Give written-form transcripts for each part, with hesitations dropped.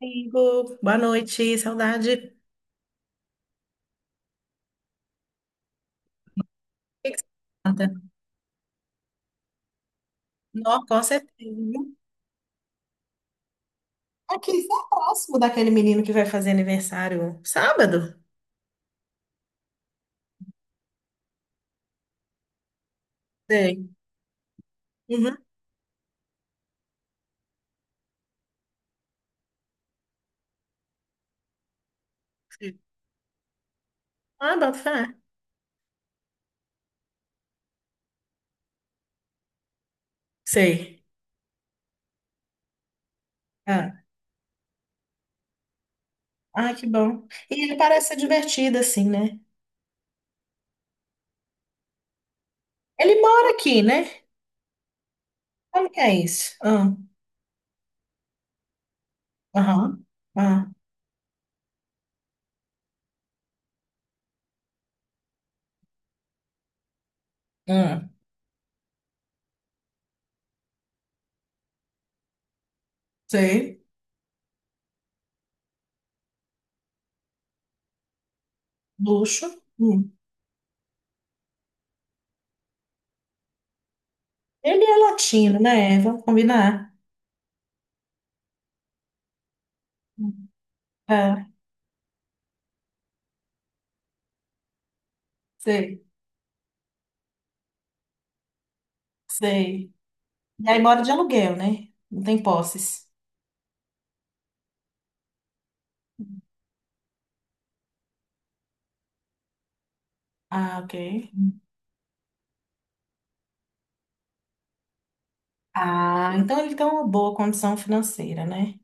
Amigo, boa noite, saudade. O que que você conta? Nó, com certeza, viu? Aqui, você é próximo daquele menino que vai fazer aniversário sábado? Sei. Uhum. Sei. Ah, bota fé. Sei. Ah, ah, que bom. E ele parece ser divertido, assim, né? Ele mora aqui, né? Como que é isso? Ah, aham. Ah, ah, sei. Luxo. Hum. Ele é latino, né? Vamos combinar. Hum. Ah, sei, sei. E aí mora de aluguel, né? Não tem posses. Ah, ok. Ah, então ele tem uma boa condição financeira, né?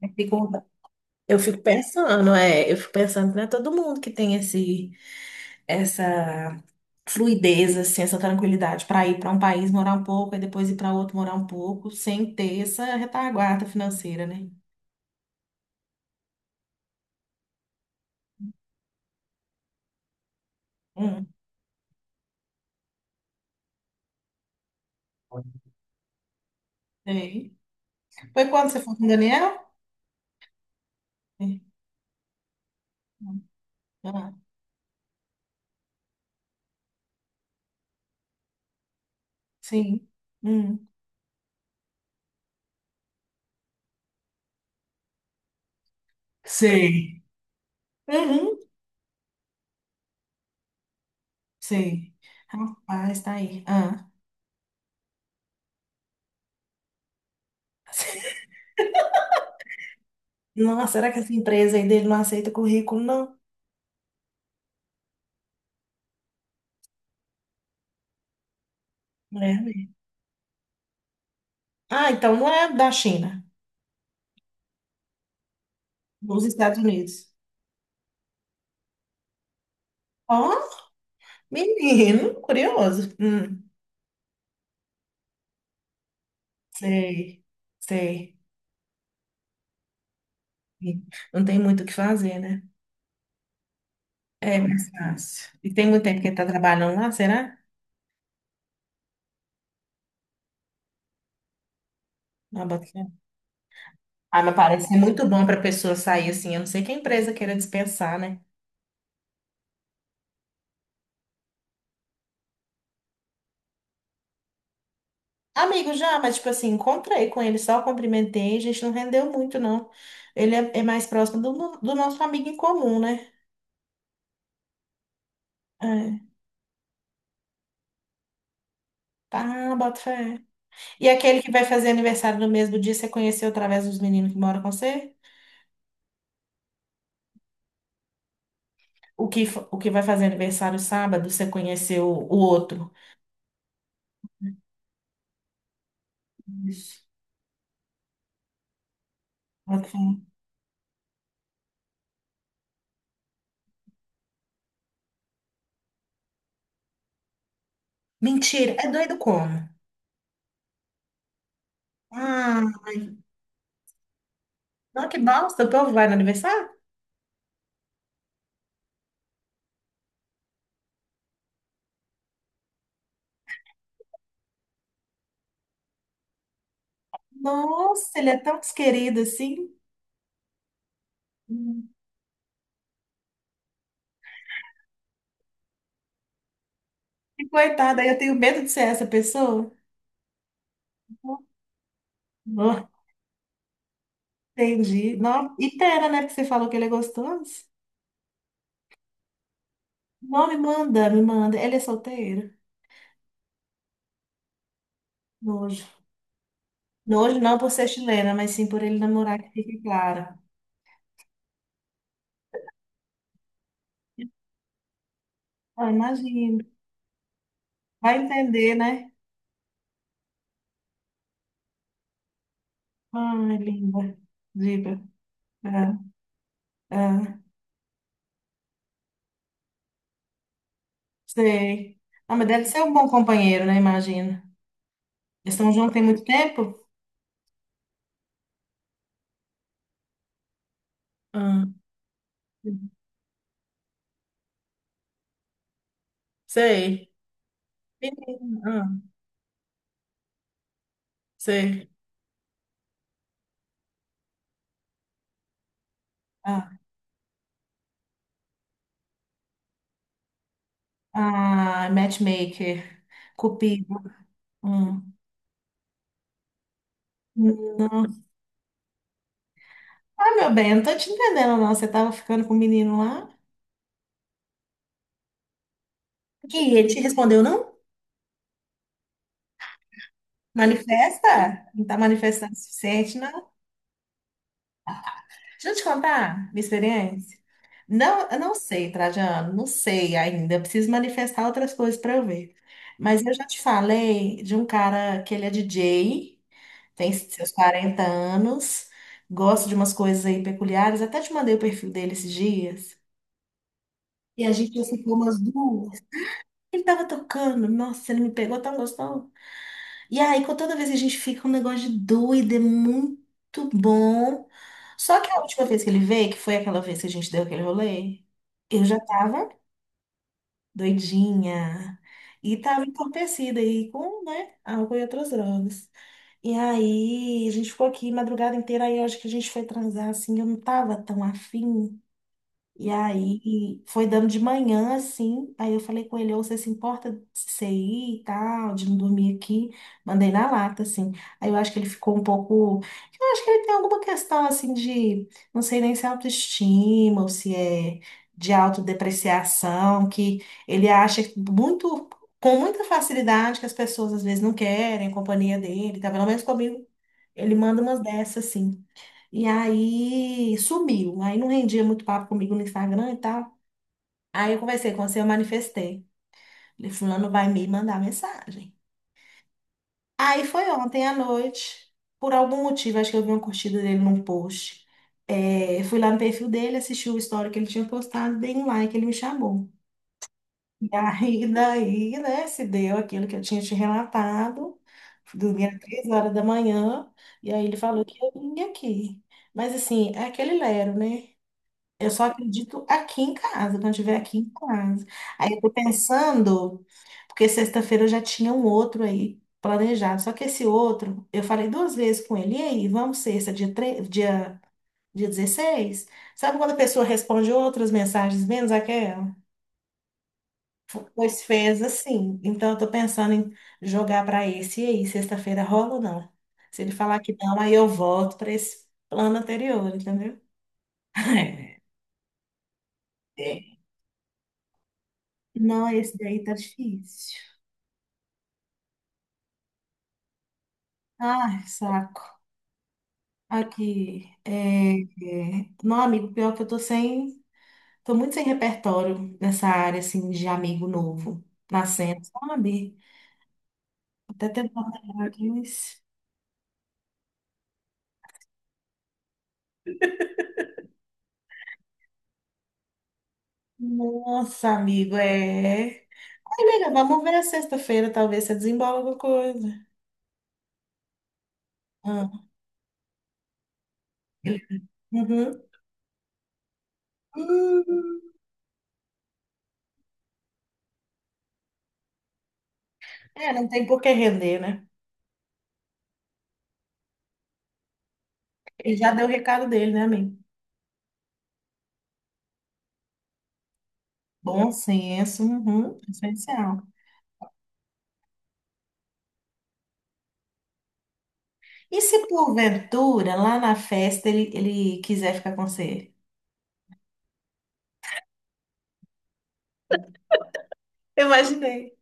Eu fico, eu fico pensando, é, eu fico pensando, não é todo mundo que tem essa fluidez, assim, essa tranquilidade para ir para um país morar um pouco e depois ir para outro morar um pouco, sem ter essa retaguarda financeira, né? Hum, sei. Foi quando você foi com o Daniel? É. Ah, sim. Hum. Sei. Uhum. Sei. Rapaz, tá aí. Ah. Nossa, será que essa empresa aí dele não aceita currículo, não? Mulher mesmo. Ah, então não é da China, dos Estados Unidos. Ó, menino, curioso. Sei, sei. Não tem muito o que fazer, né? É mais fácil. E tem muito tempo que ele tá trabalhando lá, será? Não, bota fé. Ah, mas parece ser muito bom para pessoa sair assim. Eu não sei que a empresa queira dispensar, né? Amigo já, mas tipo assim, encontrei com ele, só cumprimentei, a gente não rendeu muito, não. Ele é mais próximo do nosso amigo em comum, né? É. Tá, bota fé. E aquele que vai fazer aniversário no mesmo dia, você conheceu através dos meninos que moram com você? O que vai fazer aniversário sábado, você conheceu o outro? Isso. Bota fé. Mentira, é doido como? Ah, ai, não, que bosta, o povo vai no aniversário? Nossa, ele é tão desquerido assim. E, coitada, eu tenho medo de ser essa pessoa. Não, entendi. Não, e pera, né? Porque você falou que ele é gostoso. Não, me manda, me manda. Ele é solteiro? Nojo. Nojo não por ser chilena, mas sim por ele namorar, que fique clara. Ah, imagino. Vai entender, né? Ai, linda. Diva. Ah, ah, sei. Ah, mas deve ser um bom companheiro, né? Imagino. Eles estão juntos tem muito tempo? Ah, sei. Menina, ah, sei. Ah. Ah, matchmaker, cupido. Hum. Não. Ah, meu bem, eu não tô te entendendo, não. Você tava ficando com o menino lá? Que ele te respondeu, não? Manifesta? Não tá manifestando o suficiente, não? Deixa eu te contar minha experiência. Não, eu não sei, Trajano, não sei ainda. Eu preciso manifestar outras coisas para eu ver. Mas eu já te falei de um cara que ele é DJ, tem seus 40 anos, gosta de umas coisas aí peculiares. Até te mandei o perfil dele esses dias. E a gente já ficou umas duas. Ele tava tocando, nossa, ele me pegou tão gostoso. E aí, com toda vez que a gente fica um negócio de doido, é muito bom. Só que a última vez que ele veio, que foi aquela vez que a gente deu aquele rolê, eu já tava doidinha. E tava entorpecida aí com, né, álcool e outras drogas. E aí, a gente ficou aqui madrugada inteira, aí eu acho que a gente foi transar, assim, eu não tava tão afim. E aí foi dando de manhã, assim. Aí eu falei com ele, ou você se importa de você ir e tal, de não dormir aqui? Mandei na lata, assim. Aí eu acho que ele ficou um pouco. Eu acho que ele tem alguma questão assim de. Não sei nem se é autoestima ou se é de autodepreciação, que ele acha que muito. Com muita facilidade que as pessoas às vezes não querem a companhia dele, tá? Pelo menos comigo, ele manda umas dessas assim. E aí sumiu. Aí não rendia muito papo comigo no Instagram e tal. Aí eu conversei com você, eu manifestei. Falei, fulano vai me mandar mensagem. Aí foi ontem à noite, por algum motivo, acho que eu vi uma curtida dele num post. É, fui lá no perfil dele, assisti o story que ele tinha postado, dei um like, ele me chamou. E aí, daí, né, se deu aquilo que eu tinha te relatado. Dormia às 3 horas da manhã, e aí ele falou que eu vim aqui. Mas assim, é aquele lero, né? Eu só acredito aqui em casa, quando eu estiver aqui em casa. Aí eu tô pensando, porque sexta-feira eu já tinha um outro aí planejado. Só que esse outro, eu falei duas vezes com ele, e aí, vamos sexta, dia 16. Sabe quando a pessoa responde outras mensagens menos aquela? Pois fez assim. Então eu tô pensando em jogar para esse e aí, sexta-feira rola ou não? Se ele falar que não, aí eu volto para esse plano anterior, entendeu? Não, esse daí tá difícil. Ai, saco. Aqui, Não, amigo, pior que eu tô sem... Tô muito sem repertório nessa área, assim, de amigo novo. Nascendo, sabe? Até tem vontade, mas... Nossa, amigo, é... Ai, melhor, vamos ver a sexta-feira, talvez você desembola alguma coisa. Ah, uhum. Hum, é, não tem por que render, né? Ele já deu o recado dele, né, amigo? Bom senso, uhum, essencial. E se porventura, lá na festa, ele quiser ficar com você? Eu imaginei.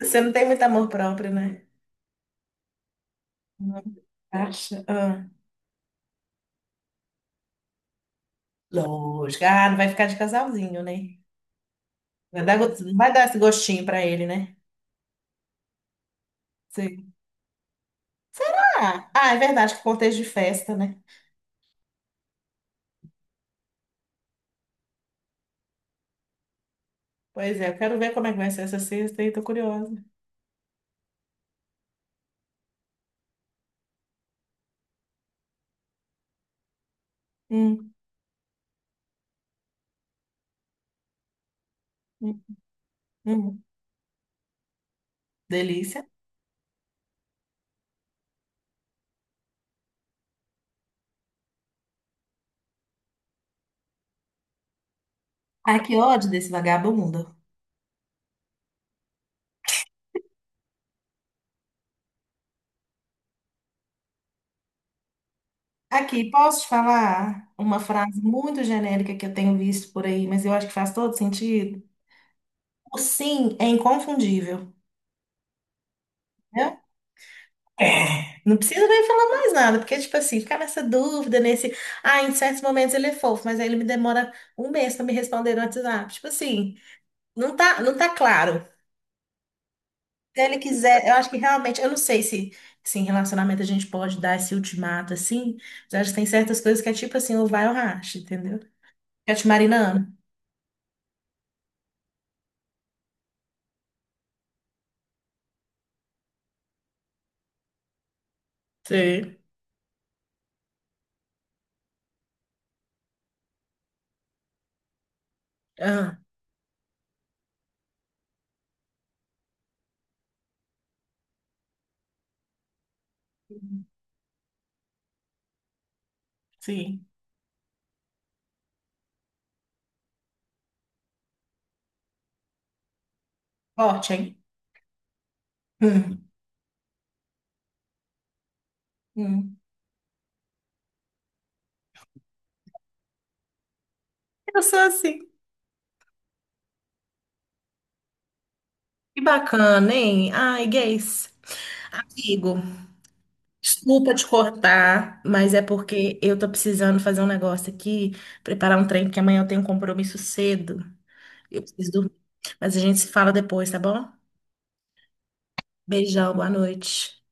Você não tem muito amor próprio, né? Não acha? Ah, lógico. Ah, não vai ficar de casalzinho, né? Vai dar esse gostinho pra ele, né? Sim. Ah, é verdade, que contexto de festa, né? Pois é, eu quero ver como é que vai ser essa sexta e tô curiosa. Hum, hum, hum. Delícia. Ai, que ódio desse vagabundo. Aqui, posso te falar uma frase muito genérica que eu tenho visto por aí, mas eu acho que faz todo sentido? O sim é inconfundível, né? É. Não precisa nem falar mais nada, porque, tipo assim, ficar nessa dúvida, nesse. Ah, em certos momentos ele é fofo, mas aí ele me demora um mês para me responder no WhatsApp. Tipo assim, não tá, não tá claro. Se ele quiser, eu acho que realmente, eu não sei se, em relacionamento a gente pode dar esse ultimato assim, mas eu acho que tem certas coisas que é tipo assim, ou vai ou racha, entendeu? Fica te marinando. Sim. Ah, sim. Forte, hein? Hum, hum. Eu sou assim. Que bacana, hein? Ai, gays. Amigo, desculpa te cortar, mas é porque eu tô precisando fazer um negócio aqui, preparar um trem, porque amanhã eu tenho um compromisso cedo. Eu preciso dormir. Mas a gente se fala depois, tá bom? Beijão, boa noite.